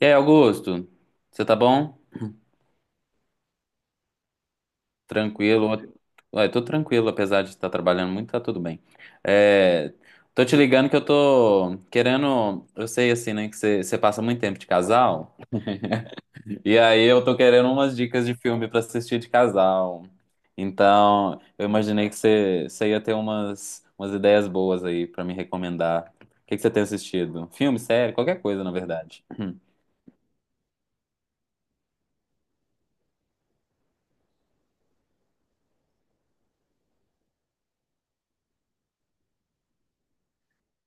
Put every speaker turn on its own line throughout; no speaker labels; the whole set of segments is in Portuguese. E aí, Augusto? Você tá bom? Tranquilo? Ué, tô tranquilo, apesar de estar trabalhando muito, tá tudo bem. É, tô te ligando que eu tô querendo. Eu sei, assim, né, que você passa muito tempo de casal. E aí eu tô querendo umas dicas de filme pra assistir de casal. Então, eu imaginei que você ia ter umas ideias boas aí pra me recomendar. O que que você tem assistido? Filme, série, qualquer coisa, na verdade.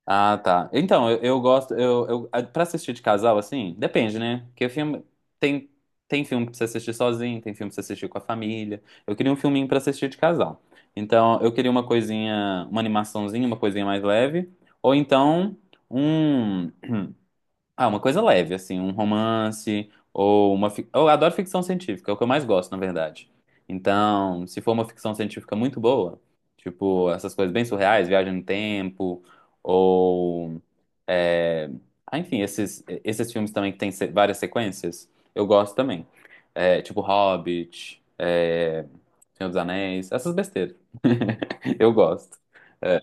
Ah, tá. Então, eu gosto. Pra assistir de casal, assim, depende, né? Porque filme. Tem, tem filme pra você assistir sozinho, tem filme pra você assistir com a família. Eu queria um filminho pra assistir de casal. Então, eu queria uma coisinha, uma animaçãozinha, uma coisinha mais leve. Ou então, um. Ah, uma coisa leve, assim, um romance ou Eu adoro ficção científica, é o que eu mais gosto, na verdade. Então, se for uma ficção científica muito boa, tipo, essas coisas bem surreais, viagem no tempo, ou. é, enfim, esses filmes também que tem várias sequências, eu gosto também. É, tipo Hobbit, é, Senhor dos Anéis, essas besteiras. Eu gosto. É.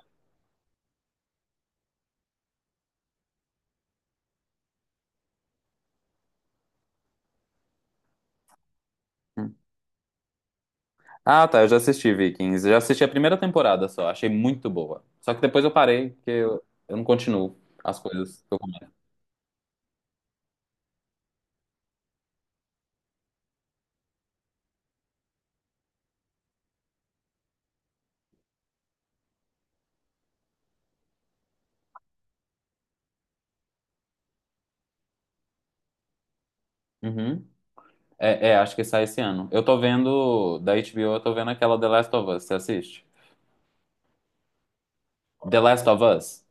Ah, tá, eu já assisti Vikings. Já assisti a primeira temporada só, achei muito boa. Só que depois eu parei, porque eu não continuo as coisas que eu começo. Uhum. Acho que sai esse ano. Eu tô vendo, da HBO, eu tô vendo aquela The Last of Us, você assiste? The Last of Us?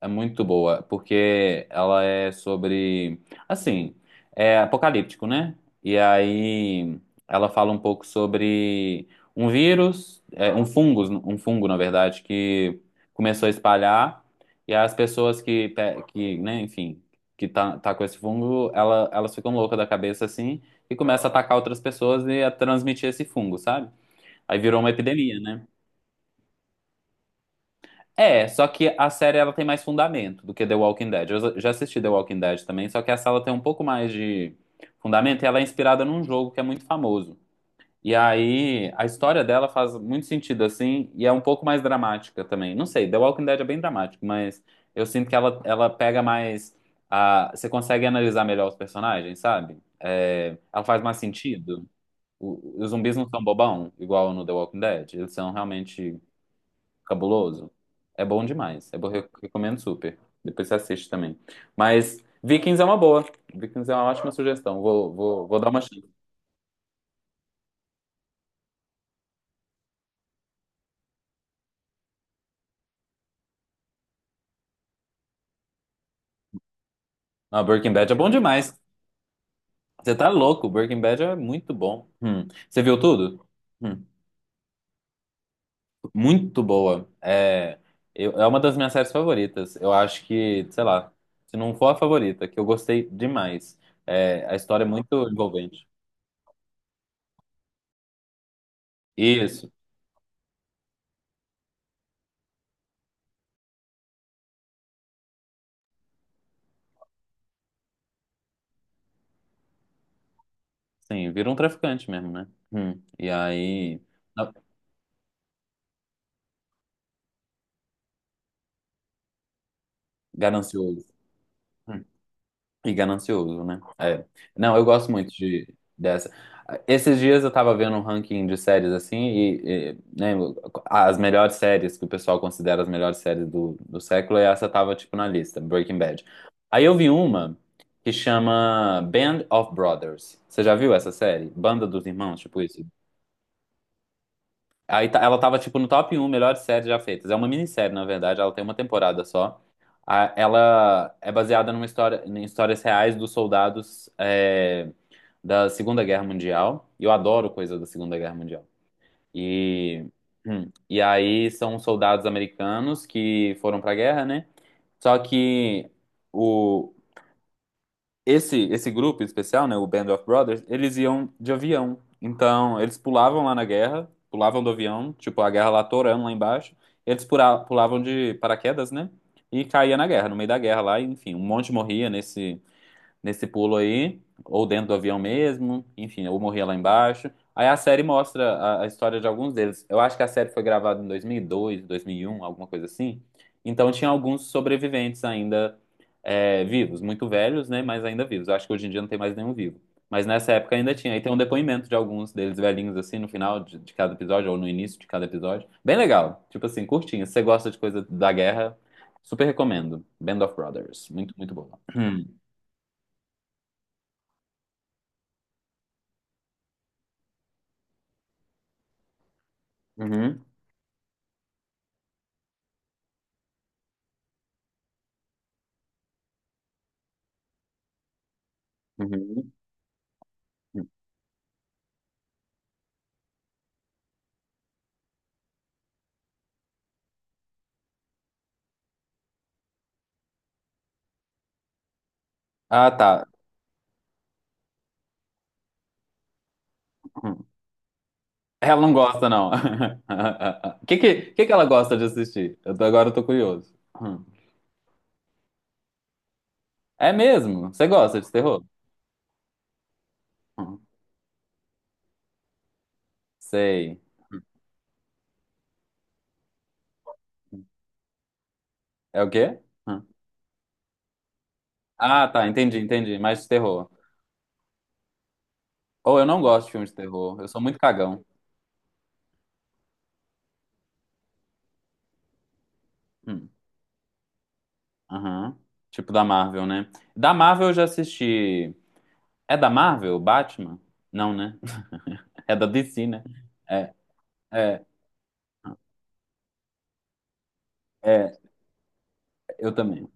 É muito boa, porque ela é sobre, assim, é apocalíptico, né? E aí ela fala um pouco sobre um vírus, é, um fungo, na verdade, que começou a espalhar, e as pessoas que, né, enfim, que tá com esse fungo, elas ficam loucas da cabeça, assim, e começa a atacar outras pessoas e a transmitir esse fungo, sabe? Aí virou uma epidemia, né? É, só que a série ela tem mais fundamento do que The Walking Dead. Eu já assisti The Walking Dead também, só que essa ela tem um pouco mais de fundamento e ela é inspirada num jogo que é muito famoso. E aí a história dela faz muito sentido assim e é um pouco mais dramática também. Não sei, The Walking Dead é bem dramático, mas eu sinto que ela pega mais a, você consegue analisar melhor os personagens, sabe? É, ela faz mais sentido. Os zumbis não são bobão, igual no The Walking Dead. Eles são realmente cabuloso. É bom demais. Eu recomendo super. Depois você assiste também. Mas Vikings é uma boa. Vikings é uma ótima sugestão. Vou dar uma chance. Ah, Breaking Bad é bom demais. Você tá louco. Breaking Bad é muito bom. Hum. Você viu tudo? Hum. Muito boa. É uma das minhas séries favoritas. Eu acho que, sei lá, se não for a favorita, que eu gostei demais. É, a história é muito envolvente. Isso. Sim, vira um traficante mesmo, né? Hum. E aí. Ganancioso. Hum. E ganancioso, né? É. Não, eu gosto muito de, dessa. Esses dias eu tava vendo um ranking de séries assim, e, né, as melhores séries que o pessoal considera as melhores séries do, do século, e essa tava tipo na lista, Breaking Bad. Aí eu vi uma que chama Band of Brothers. Você já viu essa série? Banda dos Irmãos, tipo isso? Ela tava, tipo, no top um melhores séries já feitas. É uma minissérie, na verdade, ela tem uma temporada só. Ela é baseada numa história, em histórias reais dos soldados é, da Segunda Guerra Mundial. E eu adoro coisa da Segunda Guerra Mundial. E, e aí são soldados americanos que foram pra guerra, né? Só que esse grupo especial, né, o Band of Brothers, eles iam de avião. Então, eles pulavam lá na guerra, pulavam do avião, tipo, a guerra lá torando lá embaixo. Eles pulavam de paraquedas, né? E caía na guerra, no meio da guerra lá, e, enfim, um monte morria nesse pulo aí, ou dentro do avião mesmo, enfim, ou morria lá embaixo. Aí a série mostra a história de alguns deles. Eu acho que a série foi gravada em 2002, dois mil e um, alguma coisa assim. Então tinha alguns sobreviventes ainda é, vivos, muito velhos, né, mas ainda vivos. Eu acho que hoje em dia não tem mais nenhum vivo. Mas nessa época ainda tinha. E tem um depoimento de alguns deles velhinhos, assim, no final de cada episódio, ou no início de cada episódio. Bem legal. Tipo assim, curtinho. Se você gosta de coisa da guerra, super recomendo. Band of Brothers. Muito, muito boa. Uhum. Uhum. Ah, tá. Uhum. Ela não gosta, não. O que que ela gosta de assistir? Agora eu tô curioso. Uhum. É mesmo? Você gosta de terror? Uhum. Sei. Uhum. É o quê? Uhum. Ah, tá. Entendi, entendi. Mais de terror. Ou eu não gosto de filmes de terror. Eu sou muito cagão. Uhum. Aham. Tipo da Marvel, né? Da Marvel eu já assisti. É da Marvel, Batman? Não, né? É da DC, né? É, é, é. Eu também.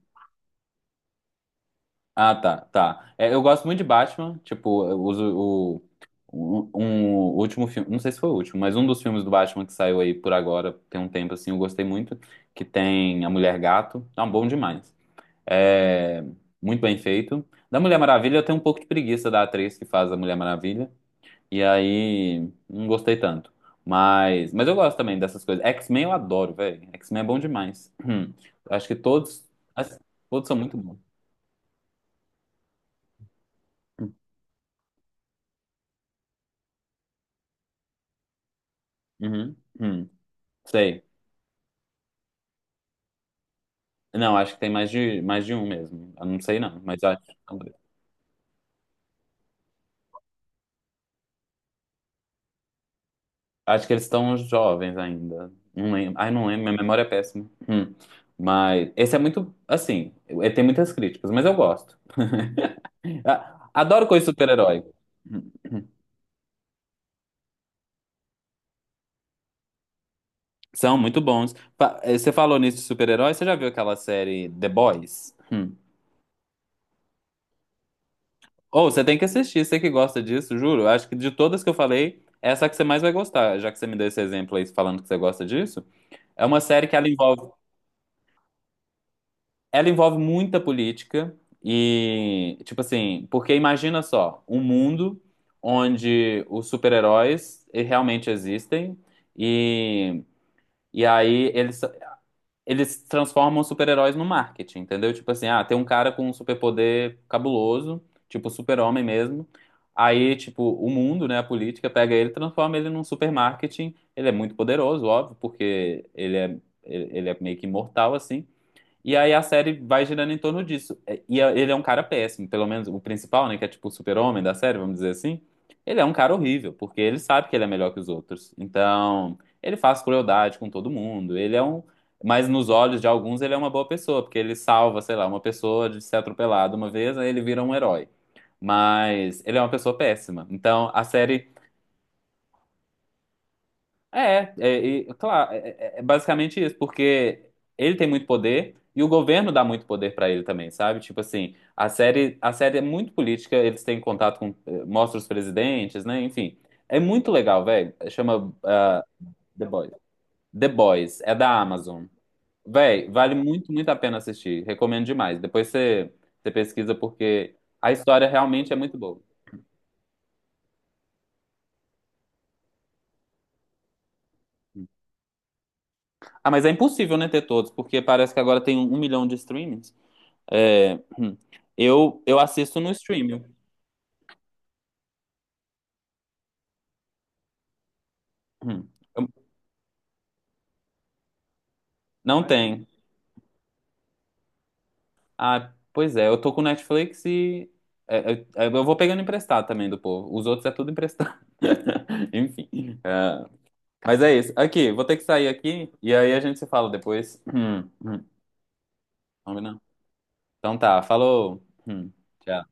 Tá. É, eu gosto muito de Batman. Tipo, eu uso o, um último filme. Não sei se foi o último, mas um dos filmes do Batman que saiu aí por agora, tem um tempo assim, eu gostei muito. Que tem A Mulher Gato. Tá bom demais. É, muito bem feito. Da Mulher Maravilha, eu tenho um pouco de preguiça da atriz que faz a Mulher Maravilha. E aí, não gostei tanto. Mas eu gosto também dessas coisas. X-Men eu adoro, velho. X-Men é bom demais. Hum. Acho que todos, as- Todos são muito bons. Uhum. Uhum. Sei. Não, acho que tem mais de um mesmo. Eu não sei não, mas acho que são dois. Acho que eles estão jovens ainda. Não lembro. Ai, não lembro, minha memória é péssima. Hum. Mas esse é muito, assim, ele tem muitas críticas, mas eu gosto. Ah, adoro coisa de super-herói. São muito bons. Você falou nisso de super-herói, você já viu aquela série The Boys? Hum. Ou você tem que assistir, você que gosta disso, juro. Acho que de todas que eu falei, essa é a que você mais vai gostar, já que você me deu esse exemplo aí falando que você gosta disso. É uma série que ela envolve, Ela envolve muita política e, tipo assim, porque imagina só, um mundo onde os super-heróis realmente existem e, e aí eles transformam os super-heróis no marketing, entendeu? Tipo assim, ah, tem um cara com um superpoder cabuloso, tipo super-homem mesmo. Aí, tipo, o mundo, né, a política, pega ele, e transforma ele num supermarketing. Ele é muito poderoso, óbvio, porque ele é meio que imortal, assim. E aí a série vai girando em torno disso. Ele é um cara péssimo, pelo menos o principal, né, que é tipo o super-homem da série, vamos dizer assim. Ele é um cara horrível, porque ele sabe que ele é melhor que os outros. Então, ele faz crueldade com todo mundo. Ele é um, mas nos olhos de alguns ele é uma boa pessoa, porque ele salva, sei lá, uma pessoa de ser atropelada uma vez, aí ele vira um herói. Mas ele é uma pessoa péssima. Então, a série é, é, e, claro, é, é- É basicamente isso, porque ele tem muito poder e o governo dá muito poder pra ele também, sabe? Tipo assim, a série é muito política, eles têm contato com, mostra os presidentes, né? Enfim, é muito legal, velho. The Boys. The Boys, é da Amazon. Véi, vale muito, muito a pena assistir. Recomendo demais. Você pesquisa porque a história realmente é muito boa. Ah, mas é impossível, né, ter todos, porque parece que agora tem 1 milhão de streamings. É, hum. Eu assisto no streaming. Hum. Eu- não tem. Ah, pois é, eu tô com Netflix e é, eu, eu vou pegando emprestado também do povo. Os outros é tudo emprestado. Enfim. é. Mas é isso. Aqui, vou ter que sair aqui e aí a gente se fala depois. Combinado? Então tá, falou. Hum. Tchau.